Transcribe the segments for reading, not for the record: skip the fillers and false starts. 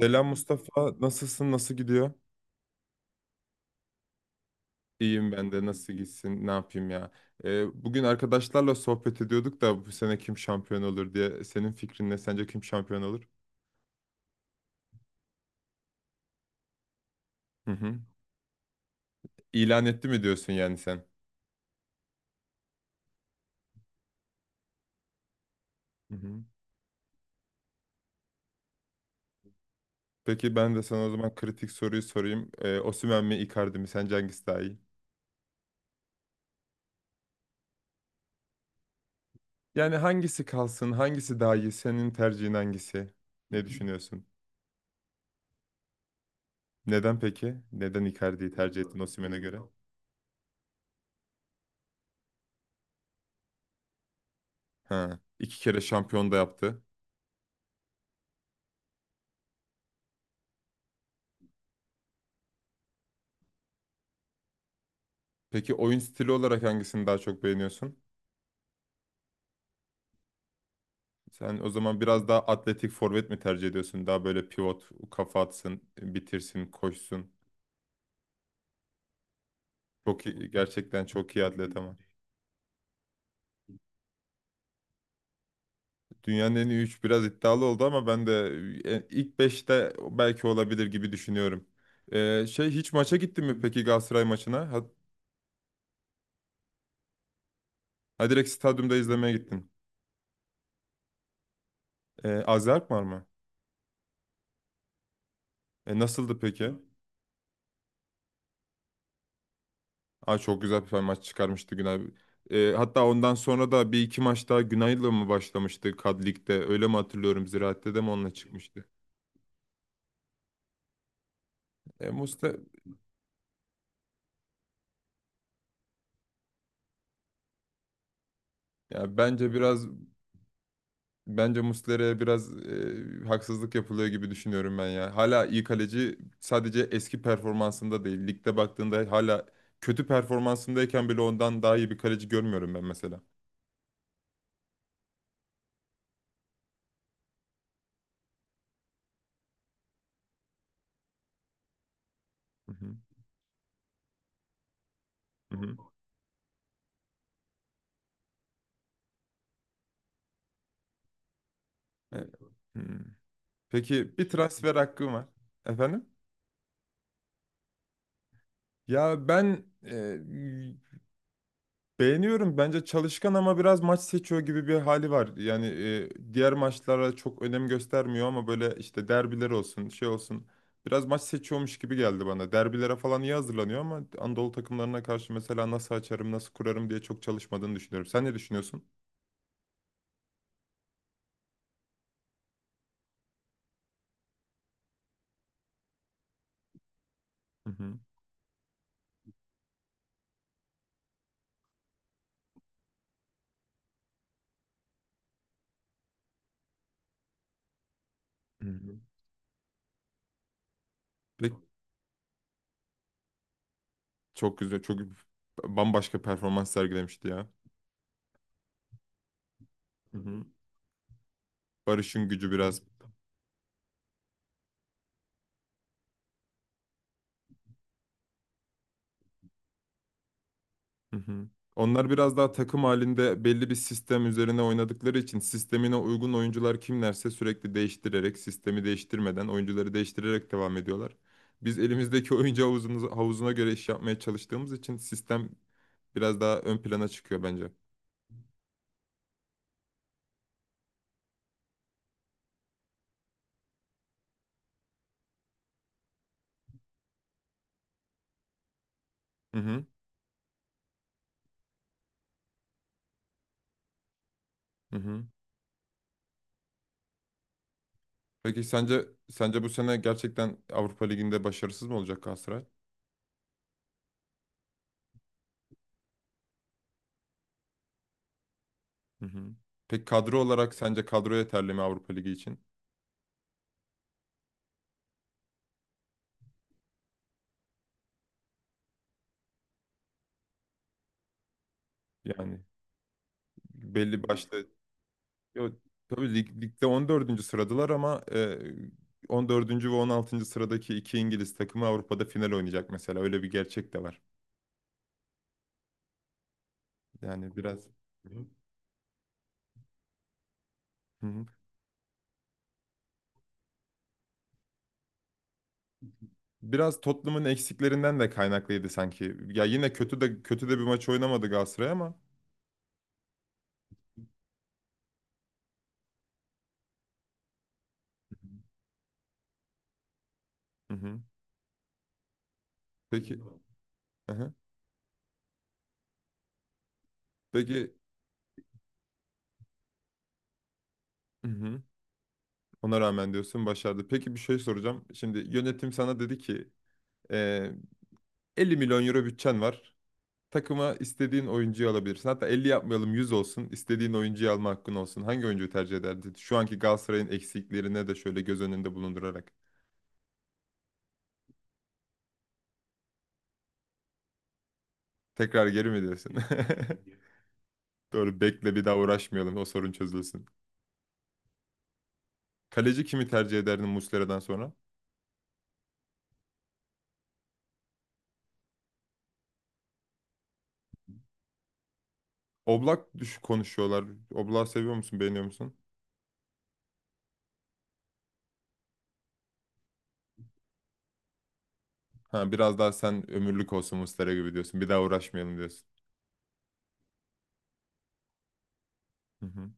Selam Mustafa, nasılsın, nasıl gidiyor? İyiyim ben de, nasıl gitsin, ne yapayım ya? Bugün arkadaşlarla sohbet ediyorduk da bu sene kim şampiyon olur diye. Senin fikrin ne? Sence kim şampiyon olur? Hı hı. İlan etti mi diyorsun yani sen? Hı hı. Peki ben de sana o zaman kritik soruyu sorayım. Osimhen mi, Icardi mi? Sence hangisi daha iyi? Yani hangisi kalsın, hangisi daha iyi? Senin tercihin hangisi? Ne düşünüyorsun? Neden peki? Neden Icardi'yi tercih ettin Osimhen'e göre? Ha, iki kere şampiyon da yaptı. Peki oyun stili olarak hangisini daha çok beğeniyorsun? Sen o zaman biraz daha atletik forvet mi tercih ediyorsun? Daha böyle pivot, kafa atsın, bitirsin, koşsun. Çok iyi, gerçekten çok iyi atlet ama. Dünyanın en iyi 3 biraz iddialı oldu ama ben de ilk beşte belki olabilir gibi düşünüyorum. Şey hiç maça gittin mi peki Galatasaray maçına? Ha, ha, direkt stadyumda izlemeye gittin. Azerk var mı? Nasıldı peki? Aa, çok güzel bir maç çıkarmıştı Günay. Hatta ondan sonra da bir iki maç daha Günay'la mı başlamıştı Kad Lig'de? Öyle mi hatırlıyorum? Ziraat'te de mi onunla çıkmıştı? Muslera, ya bence Muslera'ya biraz haksızlık yapılıyor gibi düşünüyorum ben ya. Hala iyi kaleci sadece eski performansında değil. Ligde baktığında hala kötü performansındayken bile ondan daha iyi bir kaleci görmüyorum ben mesela. Hı hı. Hı hı. E, hı. Peki bir transfer hakkım var. Efendim? Ya ben beğeniyorum. Bence çalışkan ama biraz maç seçiyor gibi bir hali var. Yani diğer maçlara çok önem göstermiyor ama böyle işte derbiler olsun, şey olsun. Biraz maç seçiyormuş gibi geldi bana. Derbilere falan iyi hazırlanıyor ama Anadolu takımlarına karşı mesela nasıl açarım, nasıl kurarım diye çok çalışmadığını düşünüyorum. Sen ne düşünüyorsun? Hı hı. Hı hı. Ve çok güzel, çok bambaşka performans sergilemişti ya. Hı hı. Barış'ın gücü biraz. Hı hı. Onlar biraz daha takım halinde belli bir sistem üzerine oynadıkları için sistemine uygun oyuncular kimlerse sürekli değiştirerek, sistemi değiştirmeden, oyuncuları değiştirerek devam ediyorlar. Biz elimizdeki oyuncu havuzuna göre iş yapmaya çalıştığımız için sistem biraz daha ön plana çıkıyor bence. Hı hı. Hı hı. Peki sence bu sene gerçekten Avrupa Ligi'nde başarısız mı olacak Galatasaray? Hı hı. Peki kadro olarak sence kadro yeterli mi Avrupa Ligi için? Yani belli başlı. Yo, tabii ligde 14. sıradılar ama 14. ve 16. sıradaki iki İngiliz takımı Avrupa'da final oynayacak mesela. Öyle bir gerçek de var. Yani biraz. Hı. Hı, biraz Tottenham'ın eksiklerinden de kaynaklıydı sanki. Ya yine kötü de kötü de bir maç oynamadı Galatasaray ama. Hı hı. Peki. Hı hı. Peki. Hı hı. Ona rağmen diyorsun başardı. Peki bir şey soracağım. Şimdi yönetim sana dedi ki e, 50 milyon euro bütçen var. Takıma istediğin oyuncuyu alabilirsin. Hatta 50 yapmayalım 100 olsun. İstediğin oyuncuyu alma hakkın olsun. Hangi oyuncuyu tercih ederdin? Şu anki Galatasaray'ın eksiklerine de şöyle göz önünde bulundurarak. Tekrar geri mi diyorsun? Doğru bekle bir daha uğraşmayalım o sorun çözülsün. Kaleci kimi tercih ederdin Muslera'dan sonra? Oblak düş konuşuyorlar. Oblak seviyor musun beğeniyor musun? Ha, biraz daha sen ömürlük olsun Muslera gibi diyorsun. Bir daha uğraşmayalım diyorsun. Hı hı.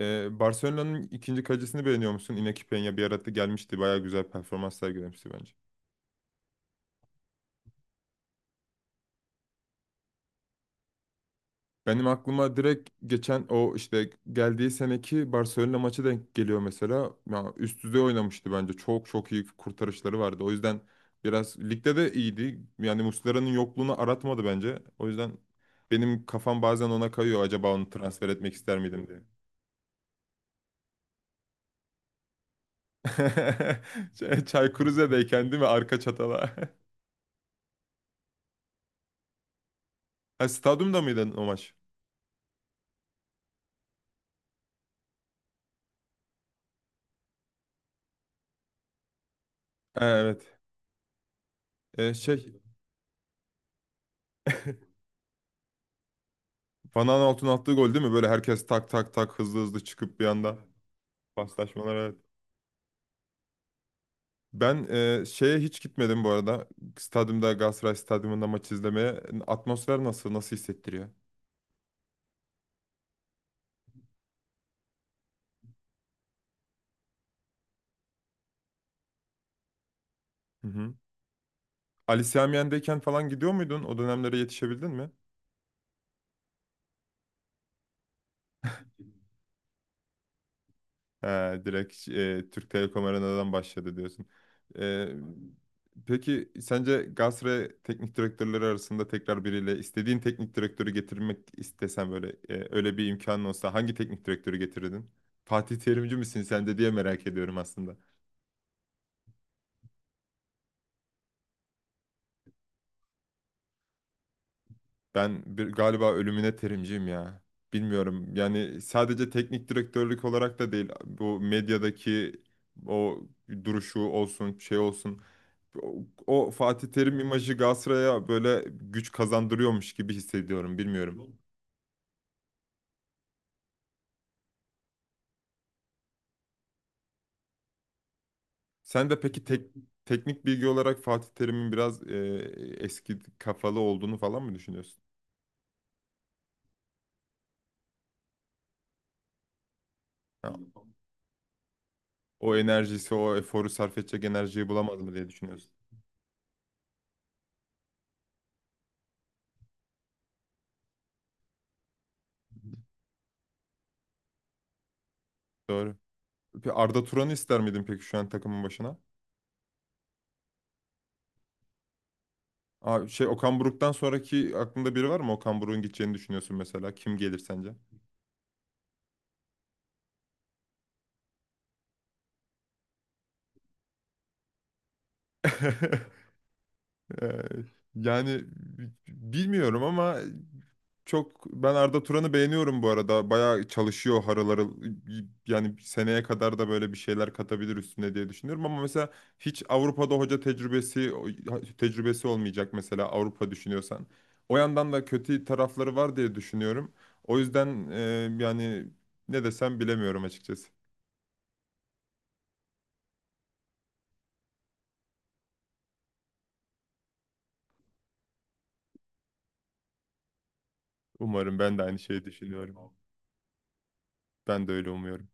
Barcelona'nın ikinci kalecisini beğeniyor musun? Iñaki Peña bir arada gelmişti. Bayağı güzel performans sergilemişti bence. Benim aklıma direkt geçen o işte geldiği seneki Barcelona maçı denk geliyor mesela. Ya üst düzey oynamıştı bence. Çok çok iyi kurtarışları vardı. O yüzden biraz ligde de iyiydi. Yani Muslera'nın yokluğunu aratmadı bence. O yüzden benim kafam bazen ona kayıyor. Acaba onu transfer etmek ister miydim diye. Çaykur Rize'deyken değil mi? Arka çatala. Ha, stadyumda mıydı o maç? Ha, evet. Ee, şey... Van Aanholt'un attığı gol değil mi? Böyle herkes tak tak tak hızlı hızlı çıkıp bir anda. Paslaşmalar evet. Ben şeye hiç gitmedim bu arada. Stadyumda Galatasaray Stadyumunda maç izlemeye. Atmosfer nasıl? Nasıl hissettiriyor? Hı hı. Ali Sami Yen'deyken falan gidiyor muydun? O dönemlere yetişebildin mi? He, direkt Türk Telekom Arena'dan başladı diyorsun. E, peki sence Galatasaray teknik direktörleri arasında tekrar biriyle istediğin teknik direktörü getirmek istesen böyle öyle bir imkanın olsa hangi teknik direktörü getirirdin? Fatih Terimci misin sen de diye merak ediyorum aslında. Ben bir, galiba ölümüne terimciyim ya. Bilmiyorum. Yani sadece teknik direktörlük olarak da değil. Bu medyadaki o duruşu olsun, şey olsun. O, o Fatih Terim imajı Galatasaray'a böyle güç kazandırıyormuş gibi hissediyorum. Bilmiyorum. Sen de peki teknik bilgi olarak Fatih Terim'in biraz eski kafalı olduğunu falan mı düşünüyorsun? Ha, o enerjisi, o eforu sarf edecek enerjiyi bulamadı mı diye düşünüyorsun. Doğru. Bir Arda Turan'ı ister miydin peki şu an takımın başına? Aa, şey Okan Buruk'tan sonraki aklında biri var mı? Okan Buruk'un gideceğini düşünüyorsun mesela. Kim gelir sence? Ee, Yani bilmiyorum ama çok ben Arda Turan'ı beğeniyorum bu arada. Bayağı çalışıyor harıl harıl. Yani seneye kadar da böyle bir şeyler katabilir üstüne diye düşünüyorum ama mesela hiç Avrupa'da hoca tecrübesi olmayacak mesela Avrupa düşünüyorsan. O yandan da kötü tarafları var diye düşünüyorum. O yüzden yani ne desem bilemiyorum açıkçası. Umarım ben de aynı şeyi düşünüyorum. Ben de öyle umuyorum.